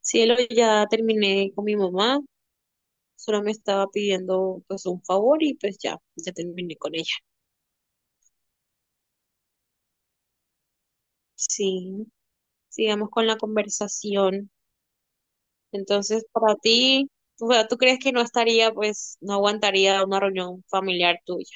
Cielo, ya terminé con mi mamá, solo me estaba pidiendo pues un favor y pues ya terminé con ella. Sí, sigamos con la conversación. Entonces, para ti, ¿tú crees que no estaría, pues, no aguantaría una reunión familiar tuya?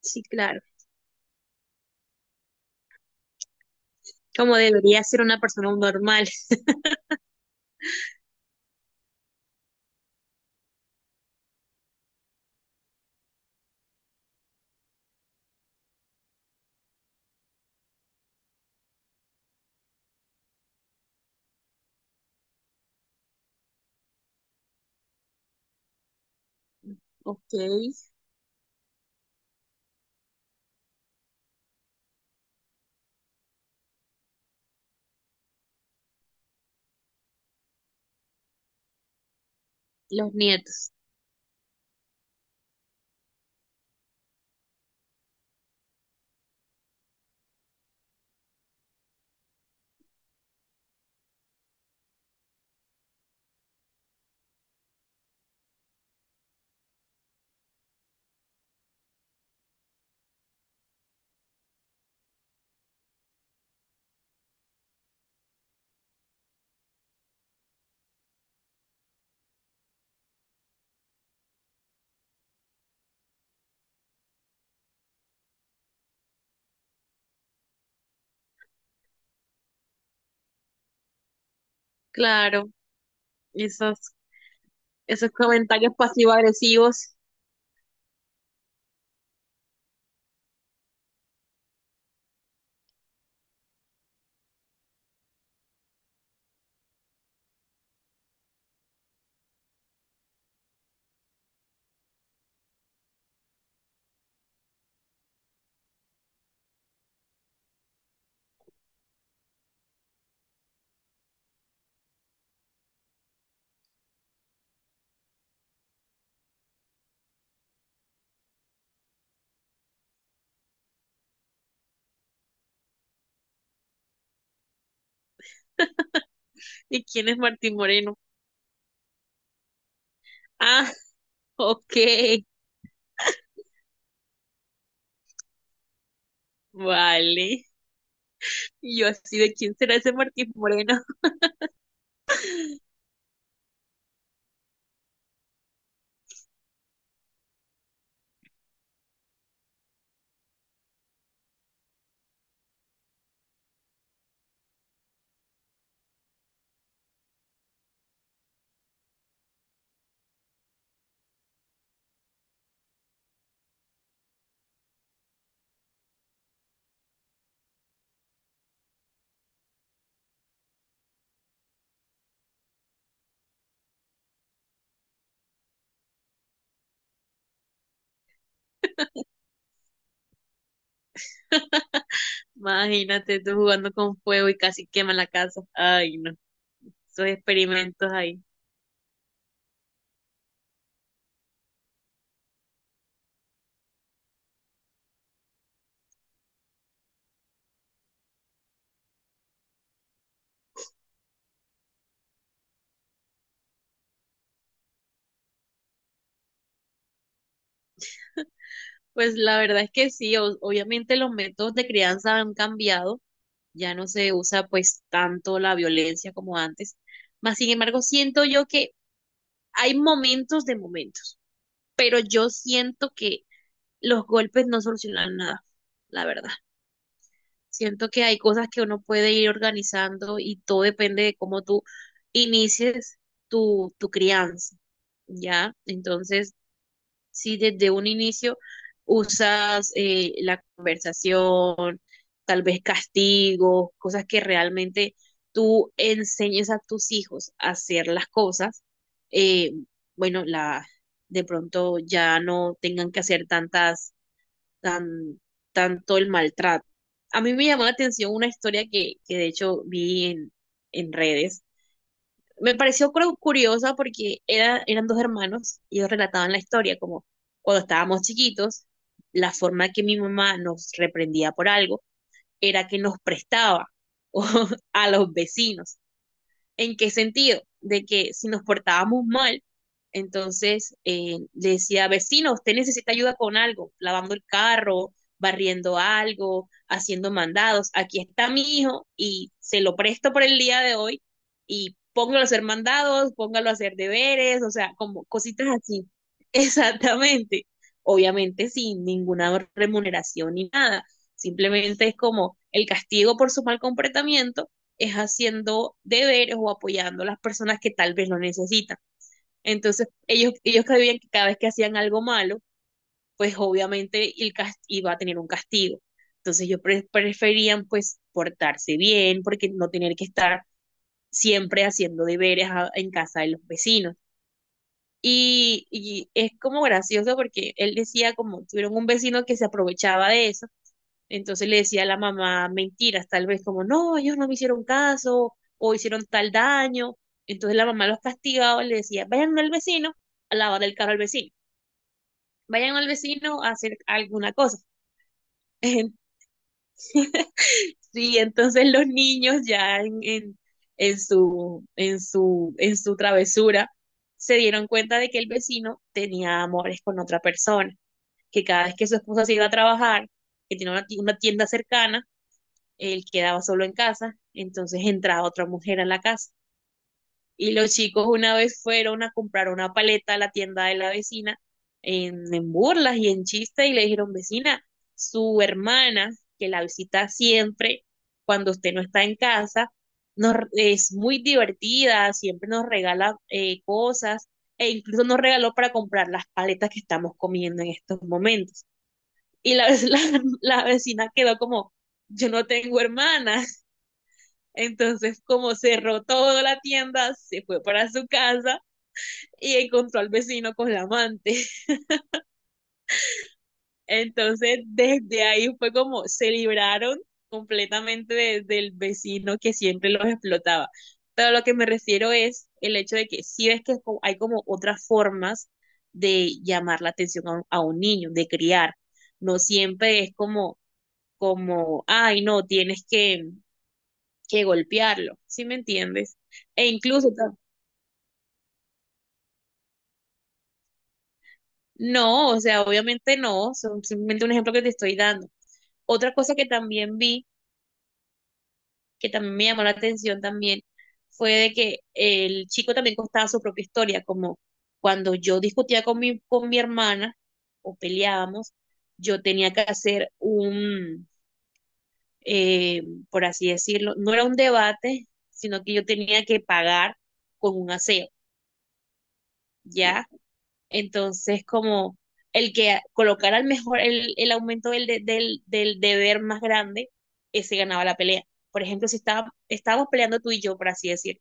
Sí, claro, como debería ser una persona normal. Ok, los nietos. Claro, esos, esos comentarios pasivo-agresivos. ¿Y quién es Martín Moreno? Ah, ok, vale. Y yo así de quién será ese Martín Moreno. Imagínate tú jugando con fuego y casi quema la casa. Ay, no, esos experimentos ahí. Pues la verdad es que sí, obviamente los métodos de crianza han cambiado, ya no se usa pues tanto la violencia como antes. Mas sin embargo, siento yo que hay momentos de momentos, pero yo siento que los golpes no solucionan nada, la verdad. Siento que hay cosas que uno puede ir organizando y todo depende de cómo tú inicies tu crianza, ¿ya? Entonces, si desde un inicio usas la conversación, tal vez castigos, cosas que realmente tú enseñes a tus hijos a hacer las cosas, eh, bueno, de pronto ya no tengan que hacer tantas tan, tanto el maltrato. A mí me llamó la atención una historia que de hecho vi en redes. Me pareció curiosa porque era, eran dos hermanos y ellos relataban la historia como cuando estábamos chiquitos, la forma que mi mamá nos reprendía por algo era que nos prestaba o, a los vecinos. ¿En qué sentido? De que si nos portábamos mal, entonces le decía, vecino, usted necesita ayuda con algo, lavando el carro, barriendo algo, haciendo mandados. Aquí está mi hijo y se lo presto por el día de hoy y póngalo a hacer mandados, póngalo a hacer deberes, o sea, como cositas así. Exactamente. Obviamente sin ninguna remuneración ni nada. Simplemente es como el castigo por su mal comportamiento es haciendo deberes o apoyando a las personas que tal vez lo necesitan. Entonces, ellos creían que cada vez que hacían algo malo, pues obviamente el iba a tener un castigo. Entonces, ellos preferían pues portarse bien, porque no tener que estar siempre haciendo deberes a, en casa de los vecinos. Es como gracioso porque él decía como tuvieron un vecino que se aprovechaba de eso entonces le decía a la mamá mentiras, tal vez como, no, ellos no me hicieron caso o hicieron tal daño. Entonces la mamá los castigaba y le decía, vayan al vecino a lavar el carro al vecino, vayan al vecino a hacer alguna cosa. Sí, entonces los niños ya en en su travesura se dieron cuenta de que el vecino tenía amores con otra persona, que cada vez que su esposa se iba a trabajar, que tenía una una tienda cercana, él quedaba solo en casa, entonces entraba otra mujer a la casa. Y los chicos una vez fueron a comprar una paleta a la tienda de la vecina en burlas y en chiste y le dijeron, vecina, su hermana, que la visita siempre cuando usted no está en casa, nos, es muy divertida, siempre nos regala cosas e incluso nos regaló para comprar las paletas que estamos comiendo en estos momentos. La vecina quedó como, yo no tengo hermana. Entonces, como cerró toda la tienda, se fue para su casa y encontró al vecino con la amante. Entonces, desde ahí fue como se libraron completamente del vecino que siempre los explotaba. Pero lo que me refiero es el hecho de que sí ves que hay como otras formas de llamar la atención a a un niño, de criar. No siempre es como, como, ay, no, que golpearlo, ¿sí me entiendes? E incluso no, o sea, obviamente no, son simplemente un ejemplo que te estoy dando. Otra cosa que también vi, que también me llamó la atención también, fue de que el chico también contaba su propia historia, como cuando yo discutía con con mi hermana o peleábamos, yo tenía que hacer un, eh, por así decirlo, no era un debate, sino que yo tenía que pagar con un aseo, ¿ya? Entonces, como el que colocara el mejor, el aumento del deber más grande, ese ganaba la pelea. Por ejemplo, si estaba, estábamos peleando tú y yo, por así decir,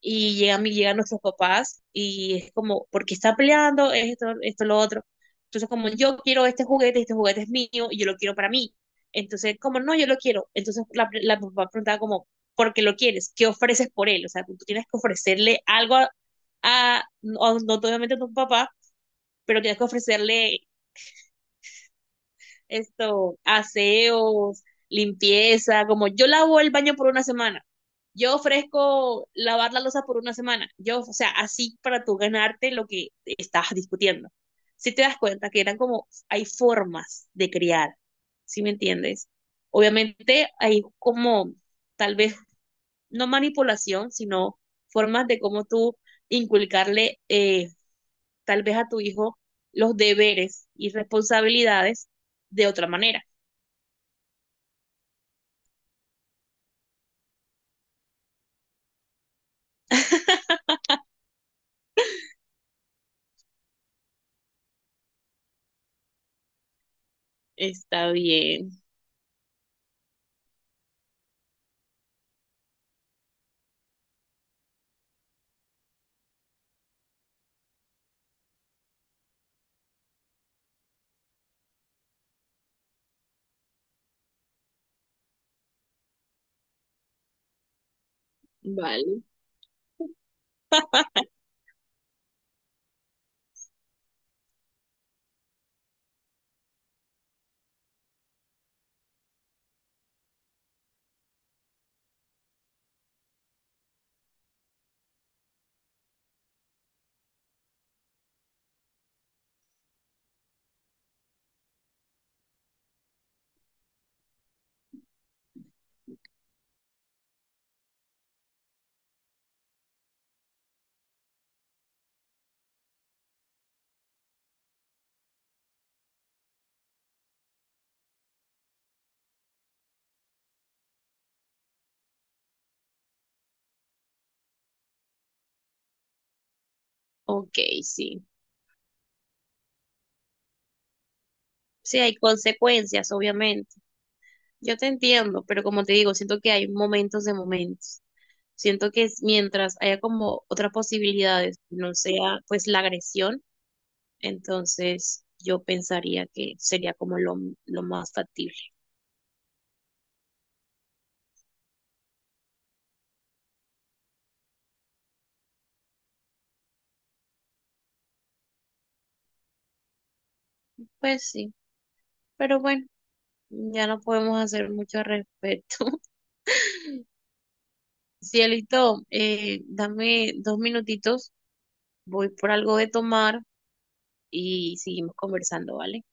y llegan nuestros papás y es como, ¿por qué está peleando? Es esto, esto, lo otro. Entonces, como yo quiero este juguete es mío y yo lo quiero para mí. Entonces, como no, yo lo quiero. Entonces, la papá preguntaba como, ¿por qué lo quieres? ¿Qué ofreces por él? O sea, tú tienes que ofrecerle algo a, no, no, obviamente a tu papá, pero tienes que ofrecerle esto, aseos, limpieza, como yo lavo el baño por una semana, yo ofrezco lavar la losa por una semana, yo, o sea, así para tú ganarte lo que estás discutiendo. Si te das cuenta que eran como, hay formas de criar, ¿sí me entiendes? Obviamente hay como, tal vez, no manipulación, sino formas de cómo tú inculcarle tal vez a tu hijo los deberes y responsabilidades de otra manera. Está bien, vale. Ok, sí. Sí, hay consecuencias, obviamente. Yo te entiendo, pero como te digo, siento que hay momentos de momentos. Siento que es mientras haya como otras posibilidades, no sea pues la agresión, entonces yo pensaría que sería como lo más factible. Pues sí, pero bueno, ya no podemos hacer mucho al respecto. Cielito, dame 2 minutitos, voy por algo de tomar y seguimos conversando, ¿vale?